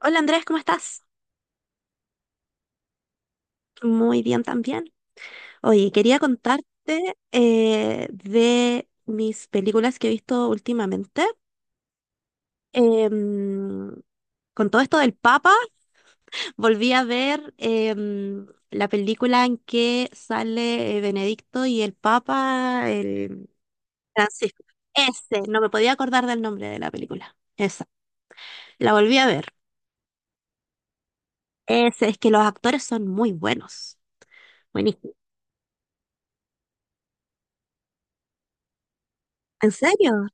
Hola, Andrés, ¿cómo estás? Muy bien también. Oye, quería contarte de mis películas que he visto últimamente. Em, con todo esto del Papa, volví a ver la película en que sale Benedicto y el Papa, el Francisco. Ese, no me podía acordar del nombre de la película. Esa, la volví a ver. Ese, es que los actores son muy buenos. Buenísimo. ¿En serio?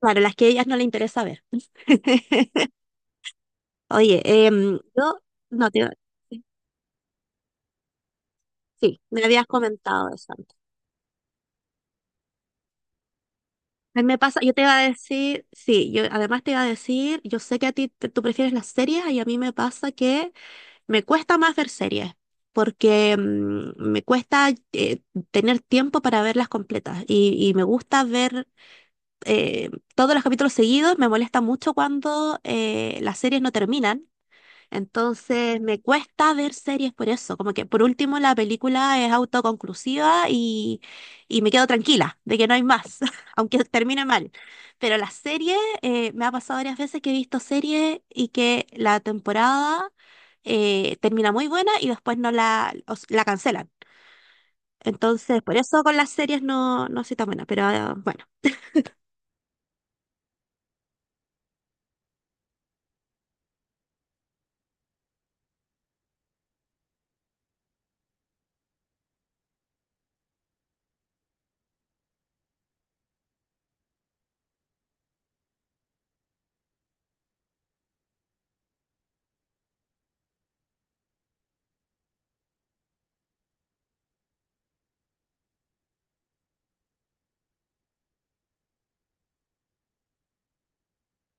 Claro, las que a ellas no les interesa ver. Oye, yo no te... Sí, sí, me habías comentado eso antes. A mí me pasa, yo te iba a decir, sí, yo además te iba a decir, yo sé que a ti tú prefieres las series y a mí me pasa que me cuesta más ver series porque me cuesta tener tiempo para verlas completas y me gusta ver eh, todos los capítulos seguidos, me molesta mucho cuando las series no terminan. Entonces me cuesta ver series por eso, como que por último la película es autoconclusiva y me quedo tranquila de que no hay más, aunque termine mal. Pero las series, me ha pasado varias veces que he visto series y que la temporada termina muy buena y después no la, os- la cancelan. Entonces por eso con las series no soy tan buena, pero ah, bueno,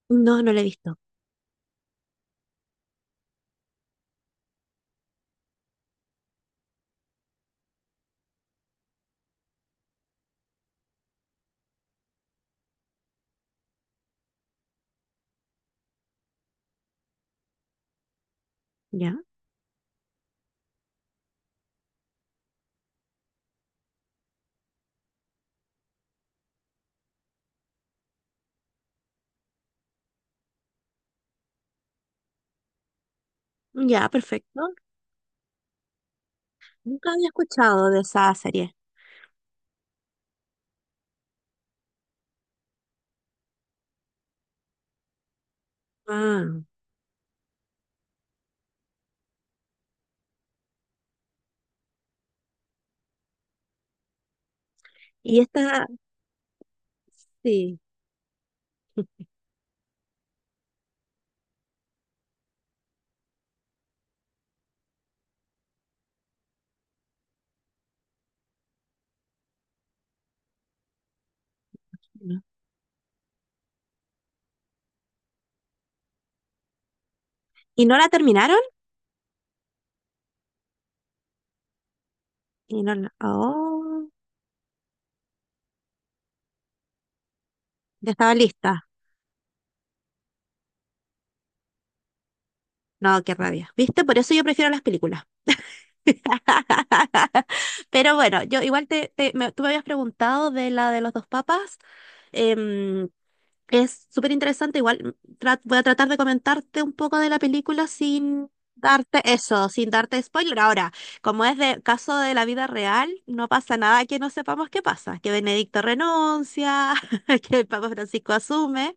no, no la he visto. Ya, ya, perfecto. Nunca había escuchado de esa serie. Ah, y esta, sí. No. ¿Y no la terminaron? Y no la- Oh, ya estaba lista. No, qué rabia. ¿Viste? Por eso yo prefiero las películas. Pero bueno, yo igual tú me habías preguntado de la de los dos papas. Em, es súper interesante. Igual voy a tratar de comentarte un poco de la película sin darte eso, sin darte spoiler. Ahora, como es de caso de la vida real, no pasa nada que no sepamos qué pasa. Que Benedicto renuncia, que el Papa Francisco asume.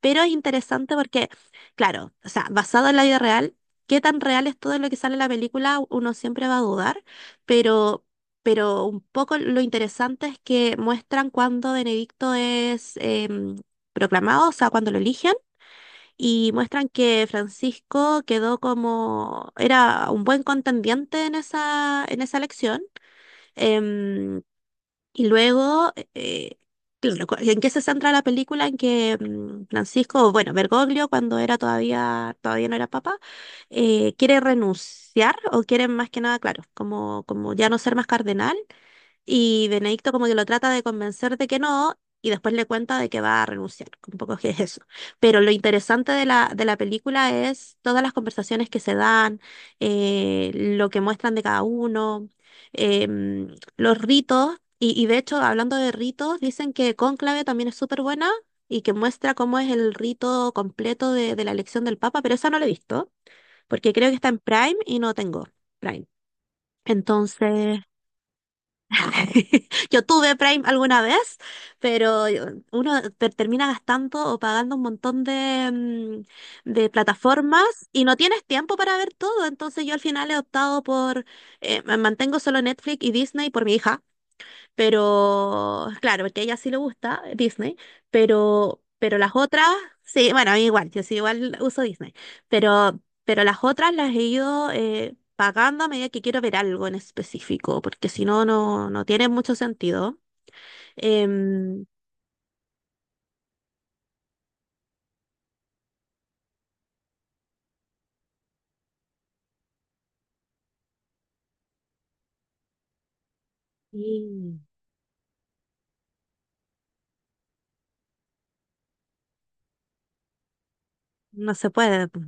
Pero es interesante porque, claro, o sea, basado en la vida real, qué tan real es todo lo que sale en la película, uno siempre va a dudar, pero, pero un poco lo interesante es que muestran cuando Benedicto es proclamado, o sea, cuando lo eligen, y muestran que Francisco quedó como, era un buen contendiente en esa elección, em, y luego, claro, ¿en qué se centra la película? En que Francisco, bueno, Bergoglio, cuando era todavía, todavía no era papa, quiere renunciar o quiere más que nada, claro, como, como ya no ser más cardenal y Benedicto como que lo trata de convencer de que no, y después le cuenta de que va a renunciar, un poco que es eso. Pero lo interesante de la película es todas las conversaciones que se dan, lo que muestran de cada uno, los ritos, y de hecho, hablando de ritos, dicen que Cónclave también es súper buena y que muestra cómo es el rito completo de la elección del Papa, pero esa no la he visto, porque creo que está en Prime y no tengo Prime. Entonces... Yo tuve Prime alguna vez, pero uno termina gastando o pagando un montón de, de plataformas y no tienes tiempo para ver todo. Entonces yo al final he optado por, me mantengo solo Netflix y Disney por mi hija, pero claro, porque a ella sí le gusta Disney, pero las otras, sí, bueno, a mí igual, yo sí igual uso Disney, pero las otras las he ido pagando a medida que quiero ver algo en específico, porque si no, no, no tiene mucho sentido. Em, y no se puede. Pues,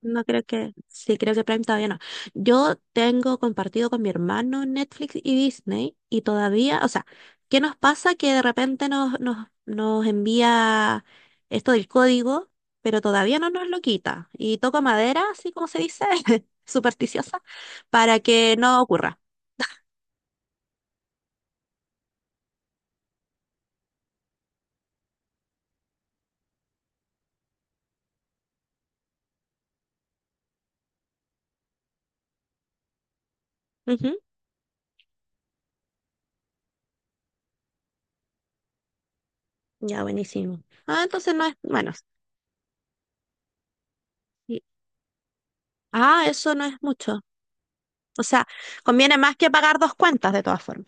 no creo que, sí, creo que Prime todavía no. Yo tengo compartido con mi hermano Netflix y Disney y todavía, o sea, ¿qué nos pasa? Que de repente nos envía esto del código, pero todavía no nos lo quita. Y toco madera, así como se dice, supersticiosa, para que no ocurra. Ujú. Ya, buenísimo. Ah, entonces no es, bueno, sí. Ah, eso no es mucho. O sea, conviene más que pagar dos cuentas de todas formas.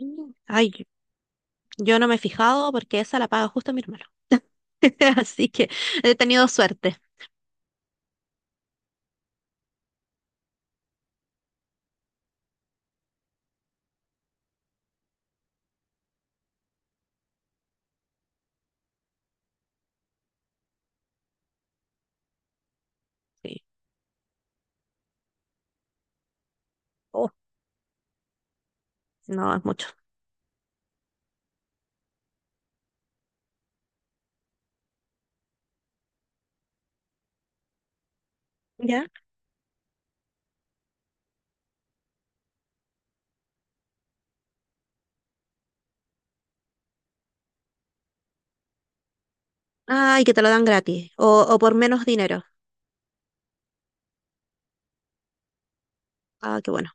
Mm. Ay, yo no me he fijado porque esa la paga justo mi hermano. Así que he tenido suerte. Sí. Oh, no, es mucho. ¿Ya? Ay, que te lo dan gratis o por menos dinero. Ah, qué bueno.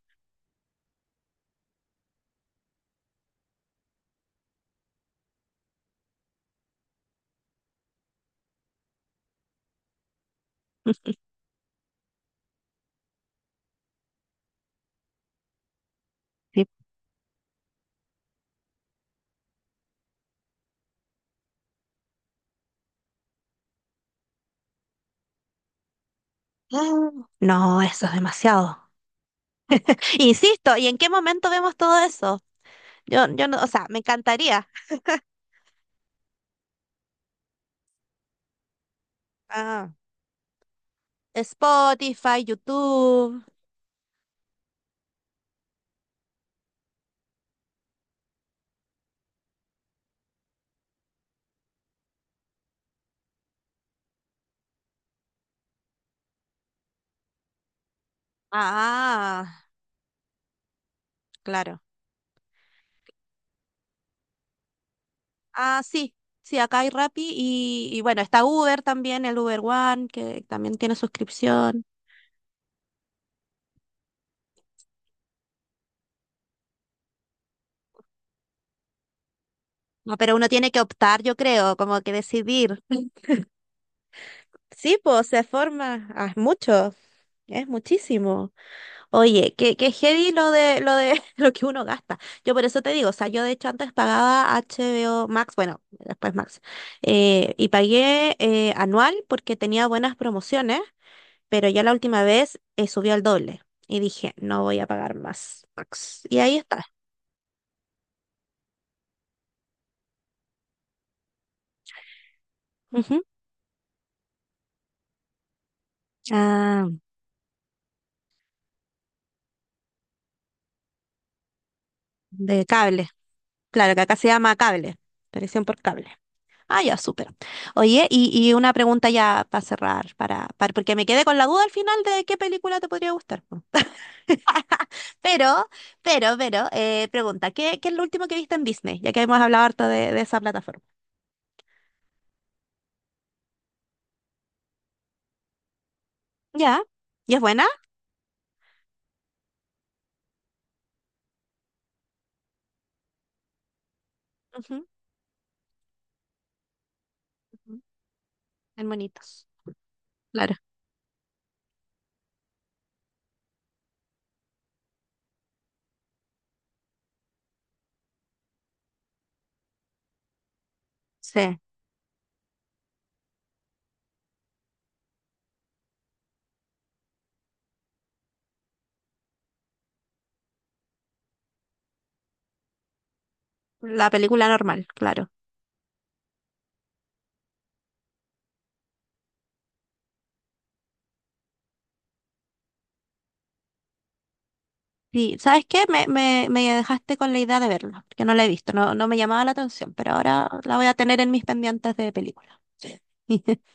Sí. Ah, no, eso es demasiado. Insisto, ¿y en qué momento vemos todo eso? Yo no, o sea, me encantaría. Ah. Spotify, YouTube. Ah, claro. Ah, sí. Sí, acá hay Rappi y bueno, está Uber también, el Uber One, que también tiene suscripción. No, pero uno tiene que optar, yo creo, como que decidir. Sí, pues se forma, ah, es mucho, es muchísimo. Oye, qué heavy lo de lo que uno gasta. Yo por eso te digo, o sea, yo de hecho antes pagaba HBO Max, bueno, después Max, y pagué anual porque tenía buenas promociones, pero ya la última vez subió al doble y dije, no voy a pagar más Max. Y ahí está. Ujú. Ah, de cable. Claro, que acá se llama cable, televisión por cable. Ah, ya, súper. Oye, y una pregunta ya para cerrar, para, porque me quedé con la duda al final de qué película te podría gustar, po. Pero, pero, pregunta, ¿qué es lo último que viste en Disney? Ya que hemos hablado harto de esa plataforma. ¿Ya? ¿Y es buena? Ujú, ujú. En monitos. Claro. Sí. La película normal, claro. Sí, ¿sabes qué? Me dejaste con la idea de verla, que no la he visto, no, no me llamaba la atención, pero ahora la voy a tener en mis pendientes de película. Sí.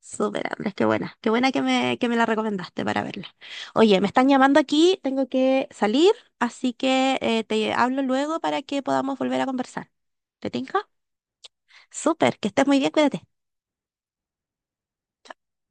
Súper, Andrés, qué buena. Qué buena que me la recomendaste para verla. Oye, me están llamando aquí, tengo que salir, así que te hablo luego para que podamos volver a conversar. ¿Te tinca? Súper, que estés muy bien, cuídate.